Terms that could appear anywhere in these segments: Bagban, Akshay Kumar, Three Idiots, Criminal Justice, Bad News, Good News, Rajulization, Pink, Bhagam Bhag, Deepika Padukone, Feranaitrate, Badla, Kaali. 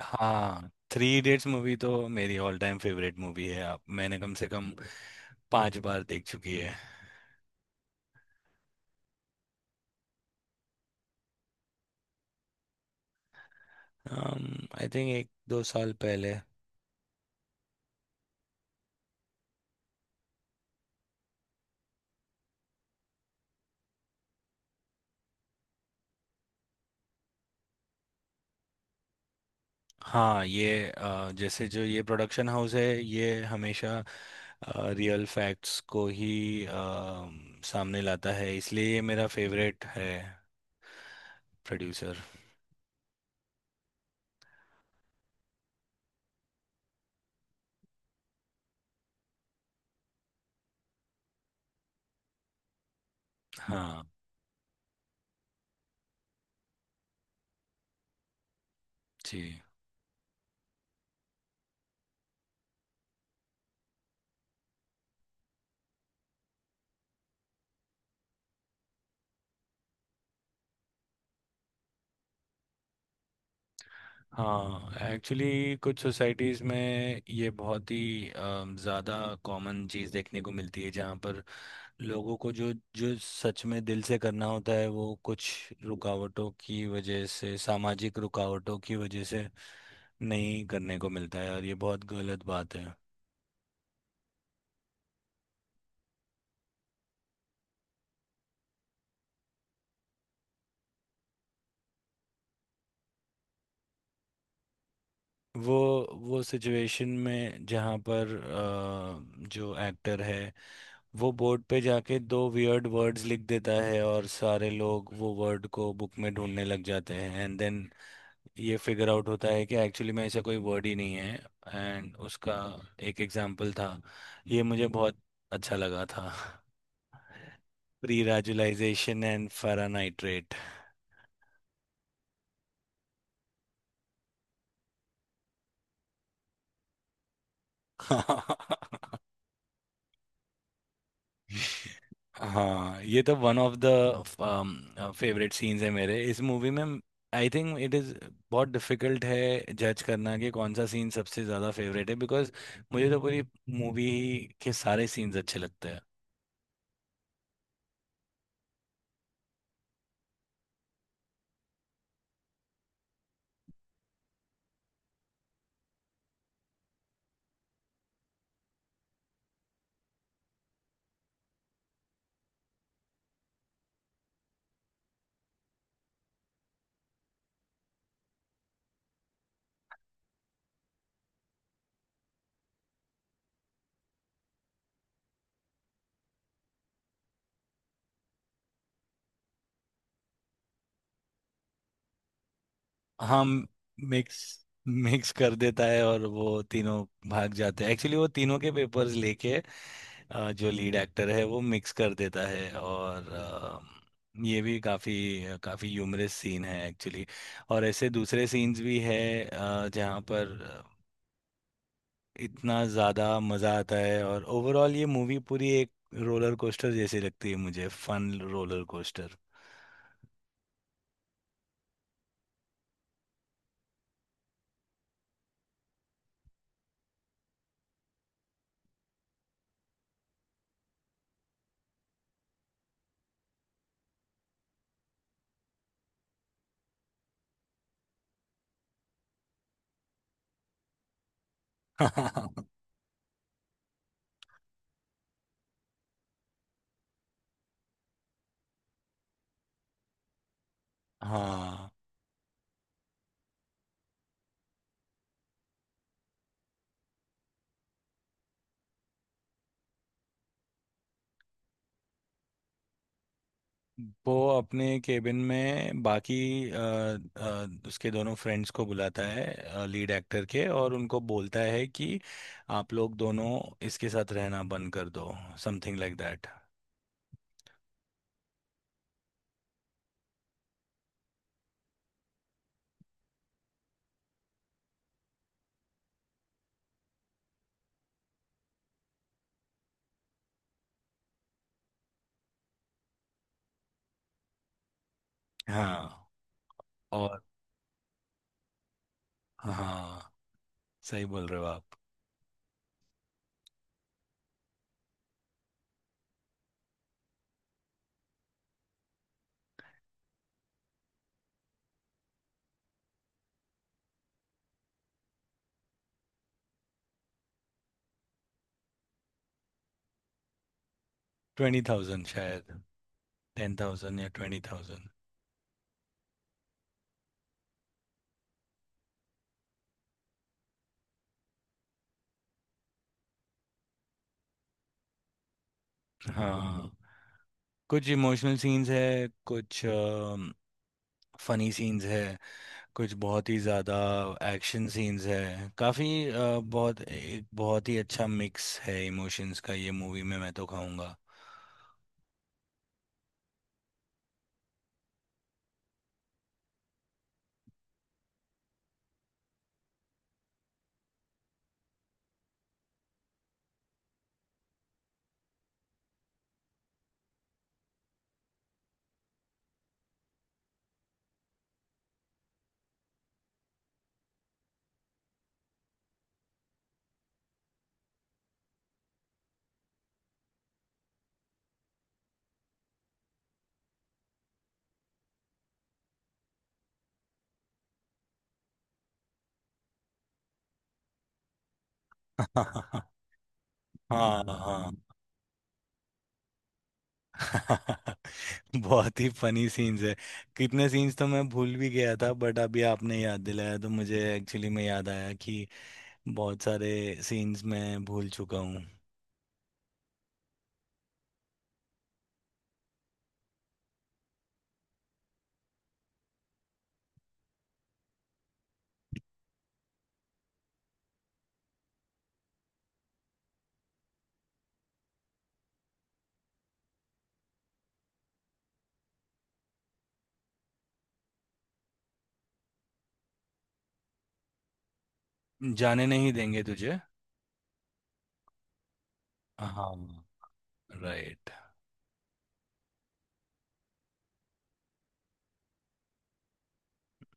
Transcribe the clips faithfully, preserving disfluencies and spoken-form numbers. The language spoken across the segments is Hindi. हाँ, थ्री इडियट्स मूवी तो मेरी ऑल टाइम फेवरेट मूवी है। आप मैंने कम से कम पांच बार देख चुकी है। आई थिंक एक दो साल पहले। हाँ, ये अ, जैसे जो ये प्रोडक्शन हाउस है ये हमेशा रियल फैक्ट्स को ही अ, सामने लाता है, इसलिए ये मेरा फेवरेट है। प्रोड्यूसर। हाँ जी। हाँ, एक्चुअली कुछ सोसाइटीज़ में ये बहुत ही अ, ज़्यादा कॉमन चीज़ देखने को मिलती है, जहाँ पर लोगों को जो जो सच में दिल से करना होता है वो कुछ रुकावटों की वजह से, सामाजिक रुकावटों की वजह से नहीं करने को मिलता है, और ये बहुत गलत बात है। वो वो सिचुएशन में जहाँ पर अ, जो एक्टर है वो बोर्ड पे जाके दो वियर्ड वर्ड्स लिख देता है और सारे लोग वो वर्ड को बुक में ढूंढने लग जाते हैं, एंड देन ये फिगर आउट होता है कि एक्चुअली में ऐसा कोई वर्ड ही नहीं है। एंड उसका एक एग्जाम्पल था, ये मुझे बहुत अच्छा लगा था। Pre राजुलाइजेशन and फेरानाइट्रेट। हाँ, ये तो one of the favourite scenes है मेरे इस मूवी में। आई थिंक इट इज़ बहुत डिफिकल्ट है जज करना कि कौन सा सीन सबसे ज़्यादा फेवरेट है, बिकॉज मुझे तो पूरी मूवी के सारे सीन्स अच्छे लगते हैं। हम मिक्स मिक्स कर देता है और वो तीनों भाग जाते हैं, एक्चुअली वो तीनों के पेपर्स लेके। अ, जो लीड एक्टर है वो मिक्स कर देता है, और अ, ये भी काफ़ी काफ़ी ह्यूमरस सीन है एक्चुअली। और ऐसे दूसरे सीन्स भी है अ, जहाँ पर इतना ज़्यादा मज़ा आता है, और ओवरऑल ये मूवी पूरी एक रोलर कोस्टर जैसी लगती है मुझे, फन रोलर कोस्टर। हाँ। वो अपने केबिन में बाकी अ, अ, उसके दोनों फ्रेंड्स को बुलाता है लीड एक्टर के, और उनको बोलता है कि आप लोग दोनों इसके साथ रहना बंद कर दो, समथिंग लाइक दैट। हाँ। और हाँ, सही बोल रहे हो आप। ट्वेंटी थाउजेंड शायद, टेन थाउजेंड या ट्वेंटी थाउजेंड। हाँ, कुछ इमोशनल सीन्स है, कुछ फनी सीन्स है, कुछ बहुत ही ज़्यादा एक्शन सीन्स है, काफ़ी अ, बहुत एक बहुत ही अच्छा मिक्स है इमोशंस का ये मूवी में, मैं तो कहूँगा। हाँ। हाँ। बहुत ही फनी सीन्स है। कितने सीन्स तो मैं भूल भी गया था, बट अभी आपने याद दिलाया तो मुझे एक्चुअली में याद आया कि बहुत सारे सीन्स मैं भूल चुका हूँ। जाने नहीं देंगे तुझे। हाँ, राइट।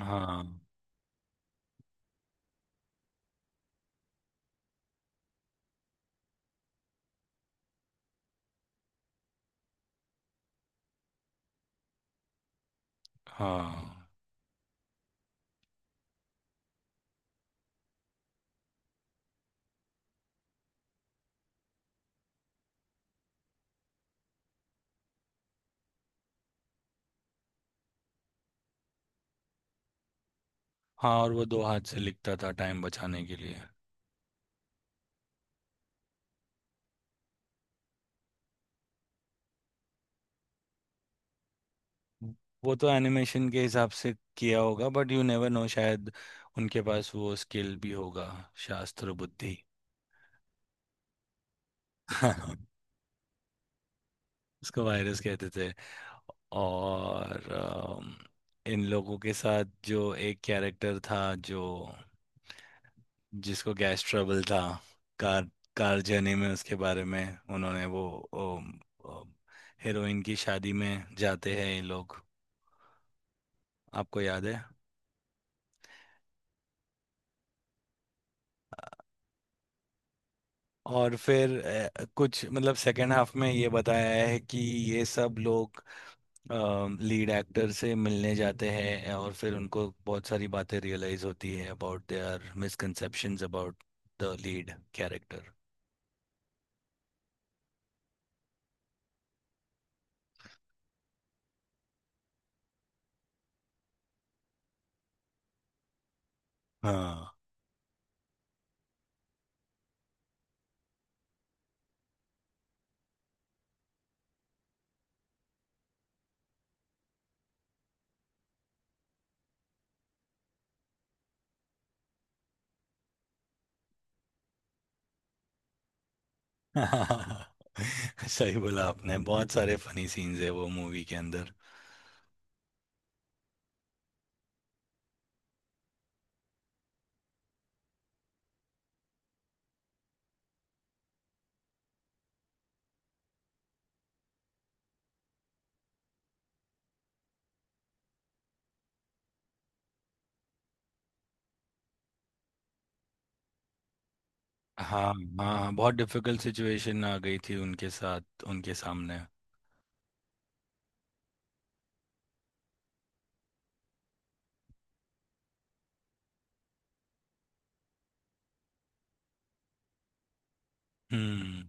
हाँ, हाँ, हाँ। और वो दो हाथ से लिखता था टाइम बचाने के लिए। वो तो एनिमेशन के हिसाब से किया होगा, बट यू नेवर नो, शायद उनके पास वो स्किल भी होगा। शास्त्र बुद्धि। उसको वायरस कहते थे। और अम, इन लोगों के साथ जो एक कैरेक्टर था जो जिसको गैस ट्रबल था। कार कार जर्नी में उसके बारे में उन्होंने वो अम, अम, हीरोइन की शादी में जाते हैं ये लोग, आपको याद है। और फिर अ, कुछ मतलब सेकेंड हाफ में ये बताया है कि ये सब लोग लीड एक्टर से मिलने जाते हैं और फिर उनको बहुत सारी बातें रियलाइज होती है about their misconceptions about the lead character. हाँ। सही बोला आपने, बहुत सारे फनी सीन्स है वो मूवी के अंदर। हाँ। हाँ, हाँ, बहुत डिफिकल्ट सिचुएशन आ गई थी उनके साथ, उनके सामने। हम्म।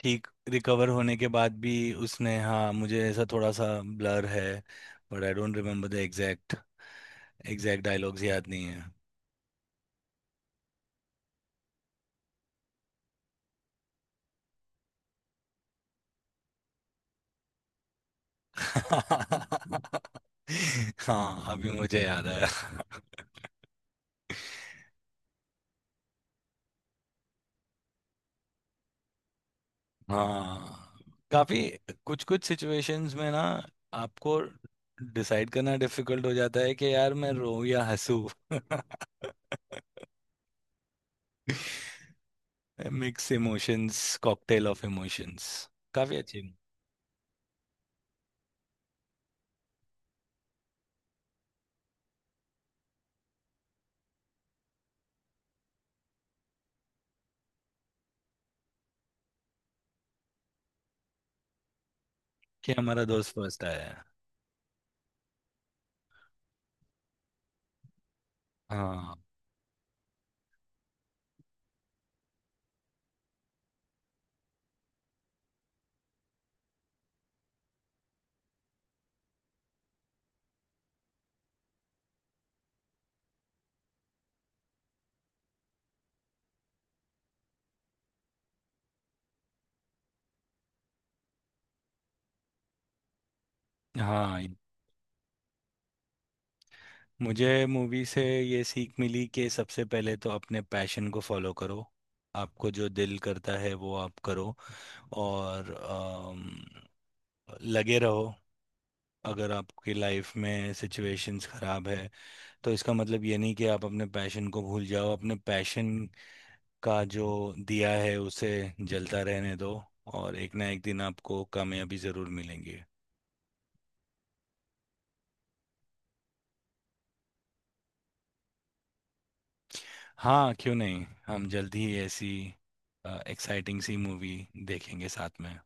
ठीक रिकवर होने के बाद भी उसने, हाँ, मुझे ऐसा थोड़ा सा ब्लर है, but I don't remember the exact exact dialogues याद नहीं है। हाँ, अभी मुझे याद आया। हाँ, काफी कुछ कुछ सिचुएशंस में ना आपको डिसाइड करना डिफिकल्ट हो जाता है कि यार मैं रोऊं या हंसूं। Mix emotions, cocktail of emotions. काफी अच्छी। कि हमारा दोस्त फर्स्ट आया है। हाँ। हाँ, मुझे मूवी से ये सीख मिली कि सबसे पहले तो अपने पैशन को फॉलो करो, आपको जो दिल करता है वो आप करो। और अम, लगे रहो। अगर आपकी लाइफ में सिचुएशंस खराब है तो इसका मतलब ये नहीं कि आप अपने पैशन को भूल जाओ, अपने पैशन का जो दिया है उसे जलता रहने दो। और एक ना एक दिन आपको कामयाबी ज़रूर मिलेंगी। हाँ, क्यों नहीं, हम जल्द ही ऐसी एक्साइटिंग सी मूवी देखेंगे साथ में।